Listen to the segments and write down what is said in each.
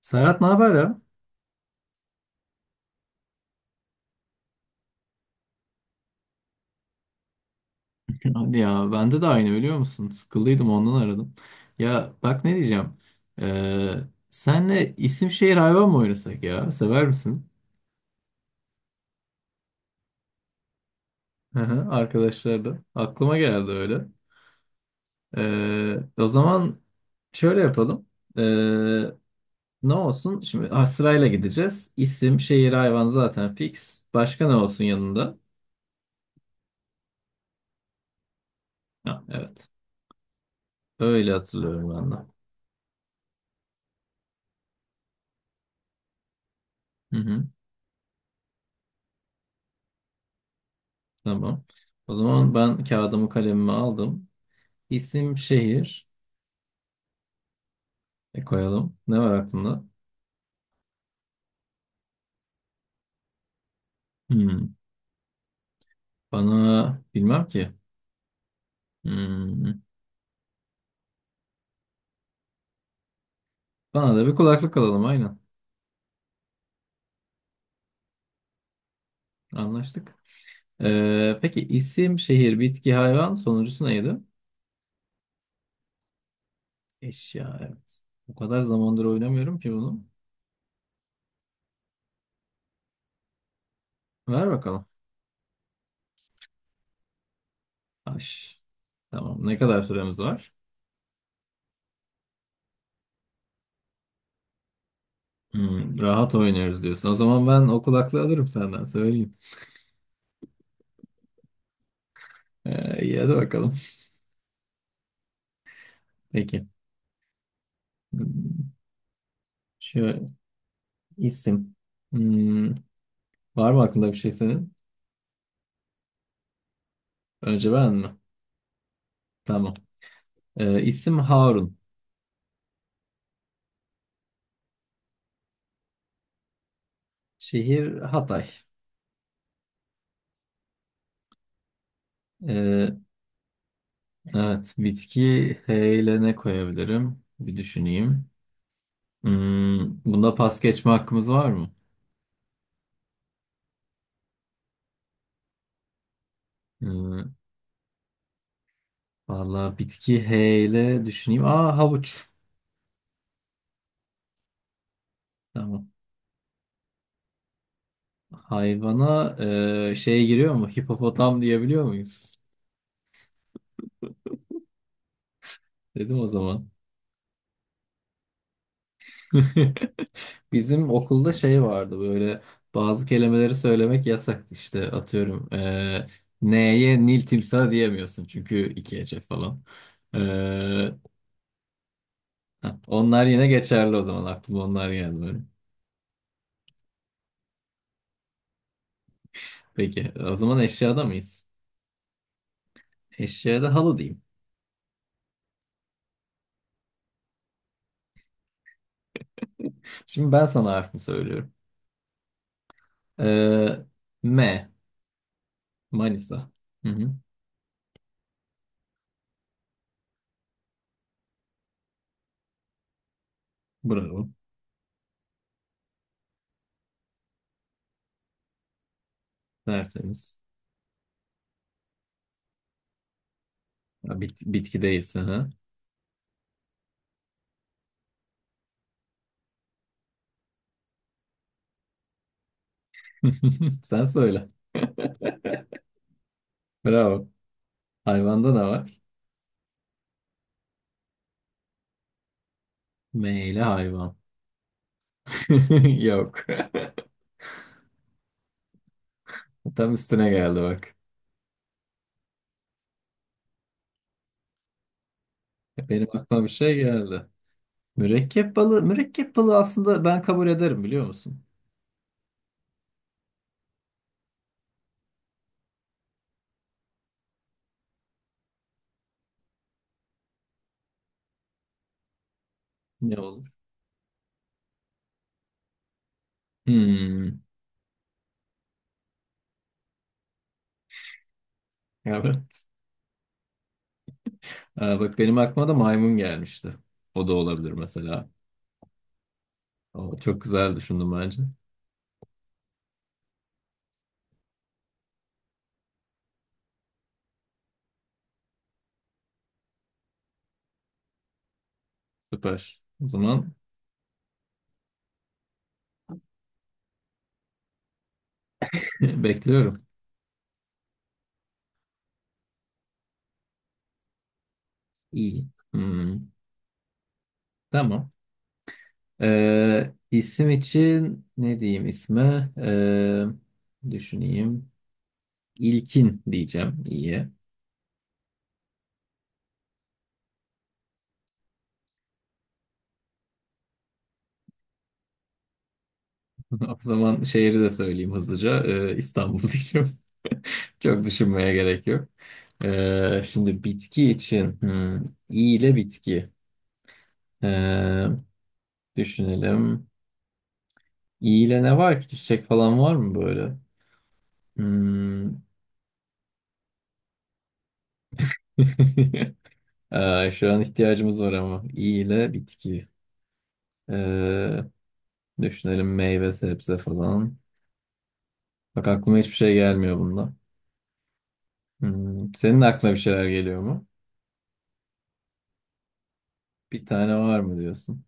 Serhat ne haber ya? Hadi ya bende de aynı biliyor musun? Sıkıldıydım ondan aradım. Ya bak ne diyeceğim. Ee, Senle isim şehir hayvan mı oynasak ya? Sever misin? Hı hı, arkadaşlar da. Aklıma geldi öyle. Ee, O zaman şöyle yapalım. Ee, Ne olsun? Şimdi ha, sırayla gideceğiz. İsim, şehir, hayvan zaten fix. Başka ne olsun yanında? Ha, evet. Öyle hatırlıyorum ben de. Hı hı, tamam. O zaman ben kağıdımı kalemimi aldım. İsim şehir. E koyalım. Ne var aklında? Hmm. Bana bilmem ki. Hmm. Bana da bir kulaklık alalım aynen. Anlaştık. Peki isim, şehir, bitki, hayvan sonuncusu neydi? Eşya evet. O kadar zamandır oynamıyorum ki bunu. Ver bakalım. Taş. Tamam. Ne kadar süremiz var? Hmm, rahat oynuyoruz diyorsun. O zaman ben o kulaklığı alırım senden söyleyeyim. İyi hadi bakalım. Peki. Hmm, şöyle isim. Hmm, var mı aklında bir şey senin? Önce ben mi? Tamam. İsim Harun. Şehir Hatay. Ee, evet. Bitki H ile ne koyabilirim? Bir düşüneyim. Hmm, bunda pas geçme hakkımız var mı? Hmm, valla bitki H ile düşüneyim. Aa havuç. Tamam. Hayvana şey giriyor mu? Hipopotam diyebiliyor muyuz? Dedim o zaman. Bizim okulda şey vardı böyle bazı kelimeleri söylemek yasaktı işte atıyorum neye Nil timsah diyemiyorsun çünkü iki ece falan. Eee, ha, onlar yine geçerli o zaman aklıma onlar geldi böyle. Peki o zaman eşyada mıyız? Eşyada halı diyeyim. Şimdi ben sana harfimi söylüyorum. Eee, M Manisa. Hı hı, bravo. Tertemiz. Ha, bitki değilsin ha. Sen söyle. Bravo. Hayvanda ne var? M ile hayvan. Yok. Tam üstüne geldi bak. Benim aklıma bir şey geldi. Mürekkep balığı. Mürekkep balığı aslında ben kabul ederim biliyor musun? Ne olur? Hmm. Evet. Aa, bak benim aklıma da maymun gelmişti. O da olabilir mesela. O, çok güzel düşündüm bence. Süper. O zaman bekliyorum. İyi. Hmm. Tamam. İsim için ne diyeyim isme? Düşüneyim. İlkin diyeceğim. İyi. O zaman şehri de söyleyeyim hızlıca. İstanbul diyeceğim. Çok düşünmeye gerek yok. Şimdi bitki için hmm, i ile bitki. Ee, Düşünelim. İ ile ne var ki? Çiçek falan var mı böyle? Hmm. Şu an ihtiyacımız var ama. İ ile bitki. Ee, Düşünelim meyve, sebze falan. Bak aklıma hiçbir şey gelmiyor bunda. Hmm, senin aklına bir şeyler geliyor mu? Bir tane var mı diyorsun?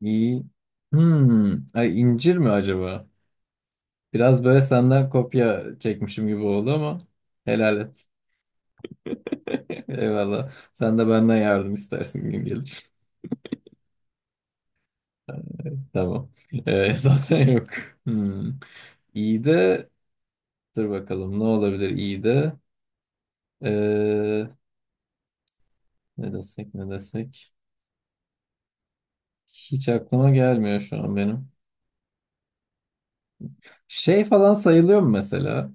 İyi. Hmm. Ay, incir mi acaba? Biraz böyle senden kopya çekmişim gibi oldu ama helal et. Eyvallah. Sen de benden yardım istersin gün gelir. Tamam. Zaten yok. Hmm. İyi de dur bakalım ne olabilir iyi de. Ee, Ne desek ne desek. Hiç aklıma gelmiyor şu an benim. Şey falan sayılıyor mu mesela?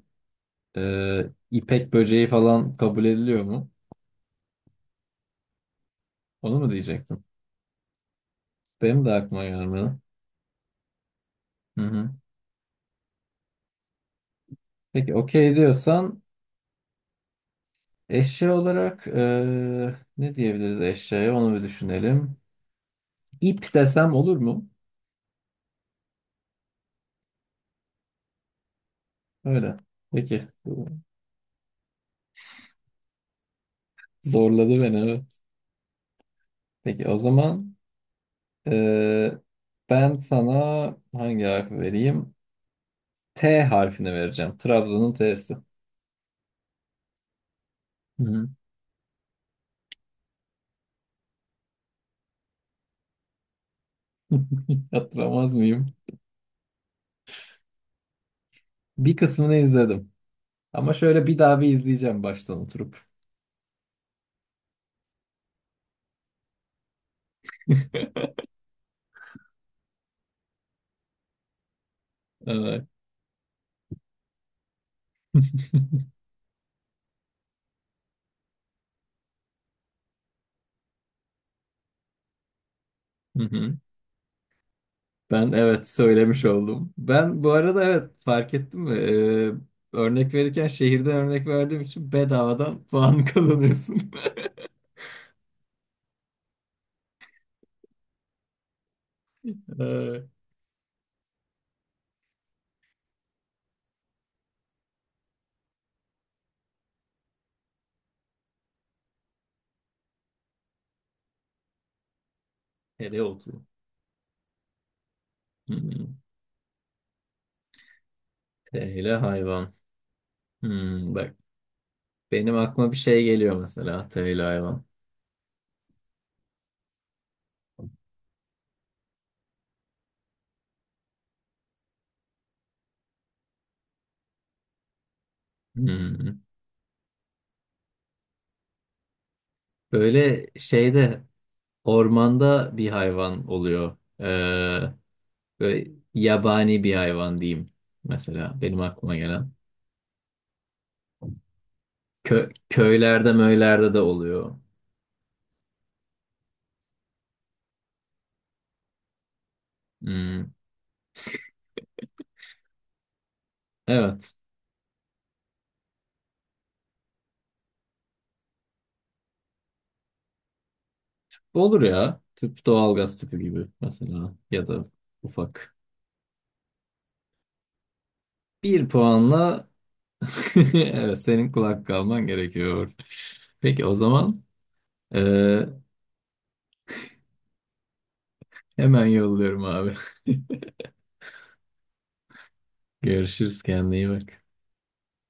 İpek böceği falan kabul ediliyor mu? Onu mu diyecektim? Benim de aklıma gelmiyor. Hı hı. Peki okey diyorsan eşya olarak ne diyebiliriz eşyaya onu bir düşünelim. İp desem olur mu? Öyle. Peki. Zorladı beni evet. Peki o zaman eee, ben sana hangi harfi vereyim? T harfini vereceğim. Trabzon'un T'si. Hı hı. Hatırlamaz mıyım? Bir kısmını izledim. Ama şöyle bir daha bir izleyeceğim baştan oturup. Evet. Hı hı. Ben evet söylemiş oldum. Ben bu arada evet fark ettim mi? Örnek verirken şehirden örnek verdiğim için bedavadan puan kazanıyorsun. Ee, Hele oldu. Hmm. Hele hayvan. Hmm, bak benim aklıma bir şey geliyor mesela hele hayvan. Hmm. Böyle şeyde ormanda bir hayvan oluyor. Böyle yabani bir hayvan diyeyim mesela benim aklıma gelen. Köylerde möylerde de oluyor. Hmm, evet. Olur ya. Tüp doğalgaz tüpü gibi mesela ya da ufak. Bir puanla evet, senin kulak kalman gerekiyor. Peki o zaman eee, hemen yolluyorum abi. Görüşürüz kendine iyi bak.